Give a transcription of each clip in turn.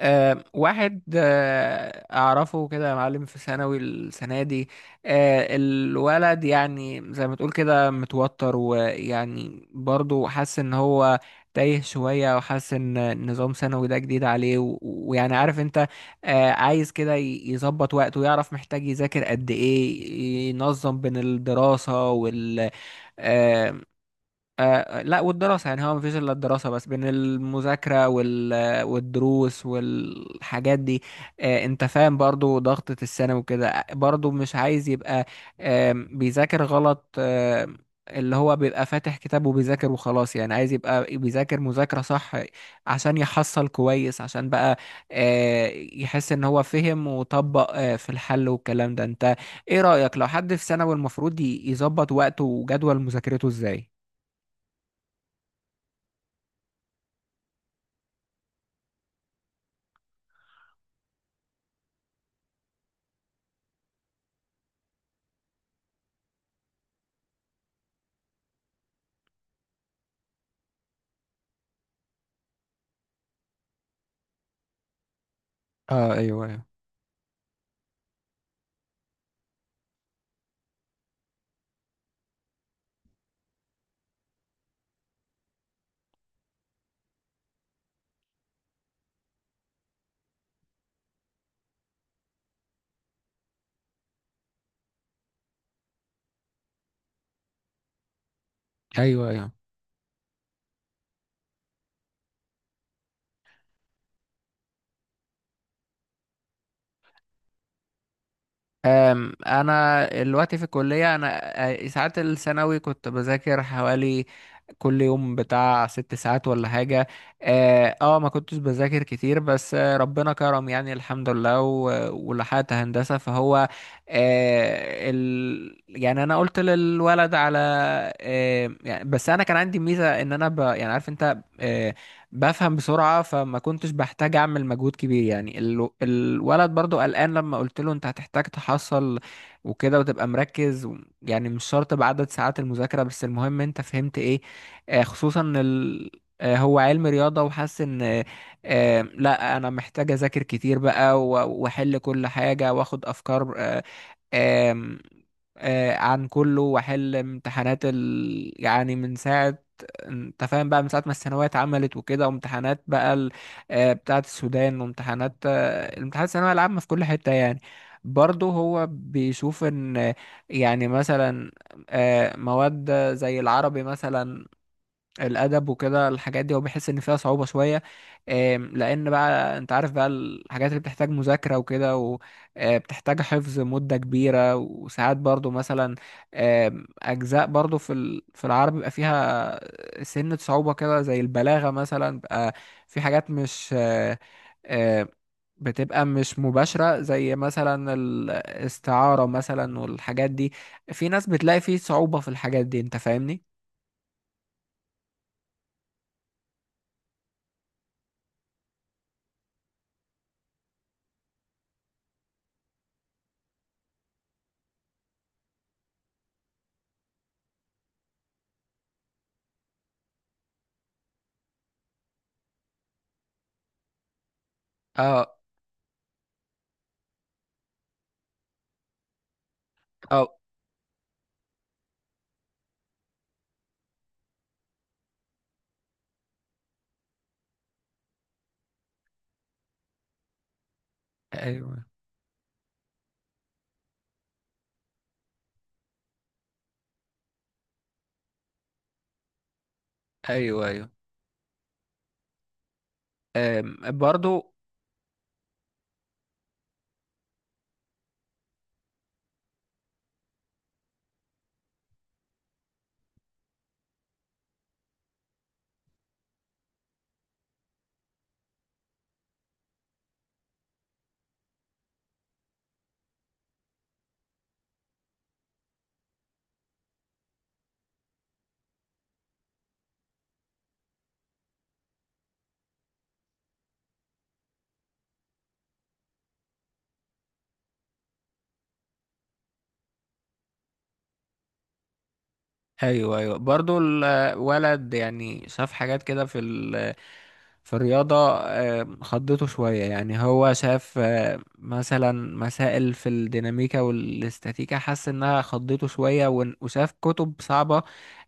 واحد اعرفه كده يا معلم في ثانوي السنه دي. الولد يعني زي ما تقول كده متوتر، ويعني برضه حاسس ان هو تايه شويه، وحاسس ان نظام ثانوي ده جديد عليه، و- ويعني عارف انت. عايز كده يظبط وقته ويعرف محتاج يذاكر قد ايه، ينظم بين الدراسه والشغل. آه لا، والدراسة يعني هو مفيش إلا الدراسة، بس بين المذاكرة والدروس والحاجات دي. أنت فاهم برضو ضغطة الثانوي وكده، برضو مش عايز يبقى بيذاكر غلط. اللي هو بيبقى فاتح كتاب وبيذاكر وخلاص، يعني عايز يبقى بيذاكر مذاكرة صح، عشان يحصل كويس، عشان بقى آه يحس إن هو فهم وطبق في الحل والكلام ده. أنت إيه رأيك لو حد في ثانوي المفروض يظبط وقته وجدول مذاكرته إزاي؟ اه، ايوه، ايوه، ايوه، ايوه. انا دلوقتي في الكليه انا. ساعات الثانوي كنت بذاكر حوالي كل يوم بتاع ست ساعات ولا حاجه. اه، ما كنتش بذاكر كتير بس. ربنا كرم، يعني الحمد لله، و- ولحقت هندسه فهو يعني انا قلت للولد على يعني. بس انا كان عندي ميزه ان انا يعني عارف انت، بفهم بسرعة، فما كنتش بحتاج أعمل مجهود كبير. يعني الولد برضو قلقان، لما قلت له أنت هتحتاج تحصل وكده وتبقى مركز، يعني مش شرط بعدد ساعات المذاكرة، بس المهم أنت فهمت إيه. خصوصا إن هو علم رياضة وحاسس إن لا، أنا محتاج أذاكر كتير بقى وأحل كل حاجة وأخد أفكار. آم، عن كله، واحل امتحانات يعني من ساعة. انت فاهم بقى، من ساعة ما الثانوية اتعملت وكده، وامتحانات بقى بتاعة السودان، وامتحانات امتحانات الثانوية العامة في كل حتة يعني. برضه هو بيشوف ان يعني مثلا مواد زي العربي مثلا، الادب وكده الحاجات دي، هو بيحس ان فيها صعوبه شويه. لان بقى انت عارف بقى، الحاجات اللي بتحتاج مذاكره وكده وبتحتاج حفظ مده كبيره، وساعات برضو مثلا اجزاء برضو في العربي بيبقى فيها سنه صعوبه كده، زي البلاغه مثلا بقى. في حاجات مش آه، بتبقى مش مباشرة، زي مثلا الاستعارة مثلا والحاجات دي، في ناس بتلاقي فيه صعوبة في الحاجات دي. انت فاهمني؟ اه، اه، ايوه، ايوه، ايوه. أم، برضو. ايوه، ايوه، برضو الولد يعني شاف حاجات كده في الرياضة. خضته شوية، يعني هو شاف مثلا مسائل في الديناميكا والاستاتيكا، حس انها خضته شوية، ون- وشاف كتب صعبة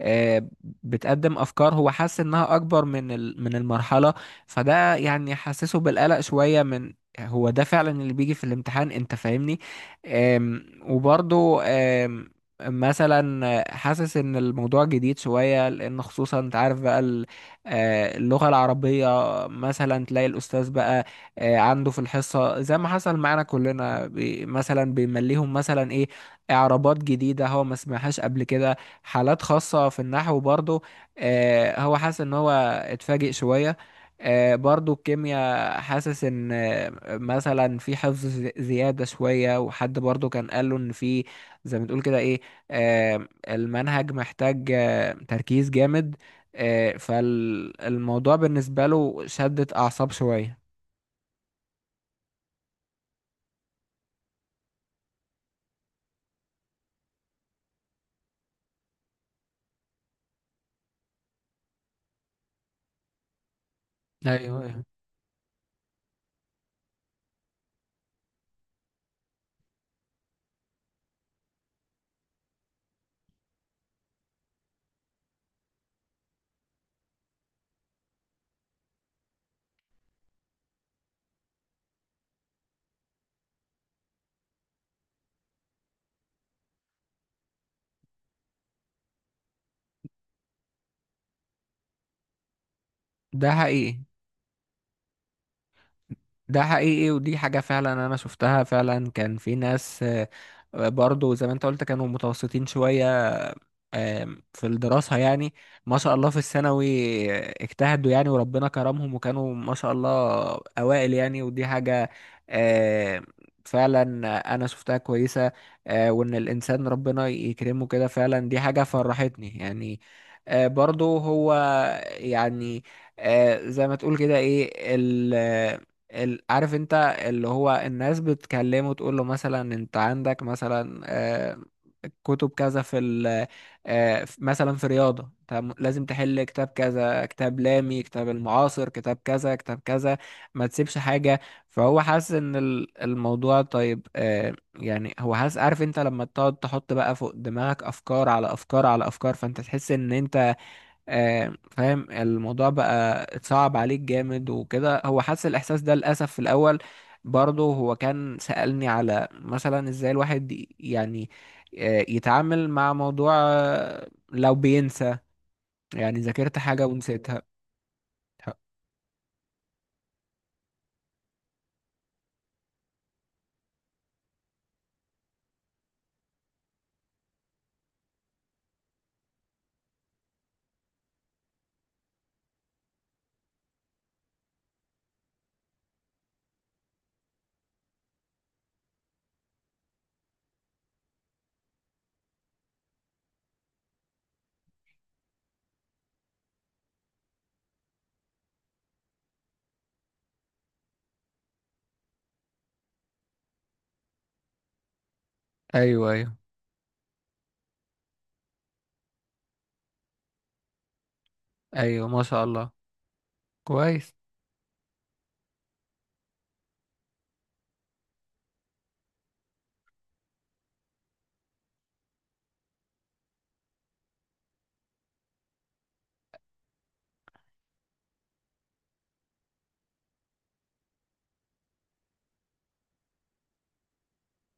آه، بتقدم افكار، هو حس انها اكبر من المرحلة. فده يعني حسسه بالقلق شوية، من هو ده فعلا اللي بيجي في الامتحان؟ انت فاهمني. وبرضو مثلا حاسس ان الموضوع جديد شوية، لان خصوصا انت عارف بقى اللغة العربية، مثلا تلاقي الأستاذ بقى عنده في الحصة، زي ما حصل معانا كلنا، مثلا بيمليهم مثلا إيه، إعرابات جديدة هو ما سمعهاش قبل كده، حالات خاصة في النحو برضو. هو حاسس إن هو اتفاجئ شوية. برضو الكيمياء حاسس ان مثلا في حفظ زيادة شوية. وحد برضو كان قال له ان في زي ما تقول كده ايه آه، المنهج محتاج تركيز جامد. فالموضوع بالنسبة له شدة أعصاب شوية. ايوه، ايوه. ده حقيقي. ده حقيقي، ودي حاجة فعلا أنا شفتها فعلا. كان في ناس برضو زي ما أنت قلت كانوا متوسطين شوية، في الدراسة يعني. ما شاء الله في الثانوي اجتهدوا يعني، وربنا كرمهم، وكانوا ما شاء الله أوائل يعني. ودي حاجة آم، فعلا أنا شفتها كويسة. وإن الإنسان ربنا يكرمه كده فعلا، دي حاجة فرحتني يعني. برضو هو يعني زي ما تقول كده إيه عارف انت، اللي هو الناس بتكلمه تقول له مثلا انت عندك مثلا كتب كذا في ال مثلا في رياضة أنت لازم تحل كتاب كذا، كتاب لامي، كتاب المعاصر، كتاب كذا، كتاب كذا، ما تسيبش حاجة. فهو حاسس ان الموضوع طيب. يعني هو حاسس، عارف انت لما تقعد تحط بقى فوق دماغك افكار على افكار على افكار، فانت تحس ان انت فاهم الموضوع بقى، اتصعب عليك جامد وكده. هو حس الإحساس ده للأسف في الأول. برضه هو كان سألني على مثلا إزاي الواحد يعني يتعامل مع موضوع لو بينسى، يعني ذاكرت حاجة ونسيتها. أيوه، أيوه، أيوه، ما شاء الله. كويس.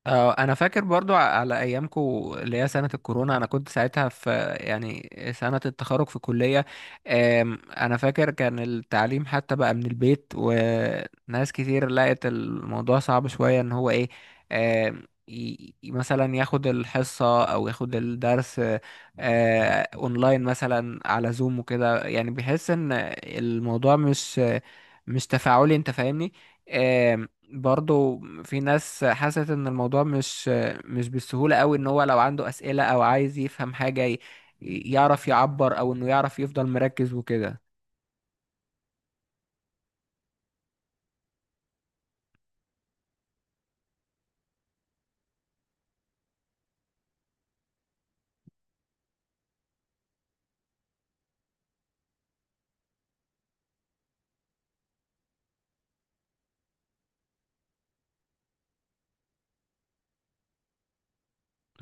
اه، انا فاكر برضو على ايامكو، اللي هي سنة الكورونا. انا كنت ساعتها في يعني سنة التخرج في الكلية. انا فاكر كان التعليم حتى بقى من البيت، وناس كتير لقت الموضوع صعب شوية. ان هو ايه، مثلا ياخد الحصة او ياخد الدرس اونلاين، مثلا على زوم وكده. يعني بيحس ان الموضوع مش تفاعلي. انت فاهمني. برضو في ناس حست ان الموضوع مش بالسهولة قوي، ان هو لو عنده اسئلة او عايز يفهم حاجة يعرف يعبر، او انه يعرف يفضل مركز وكده.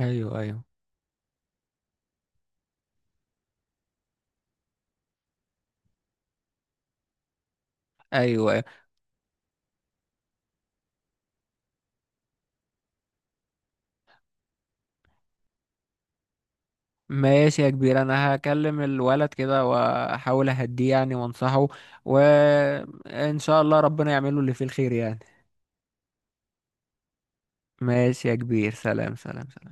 ايوه، ايوه، ايوه، أيوة. ماشي يا كبير، انا هكلم الولد كده واحاول اهديه يعني وانصحه، وان شاء الله ربنا يعمله اللي فيه الخير يعني. ماشي يا كبير، سلام، سلام، سلام.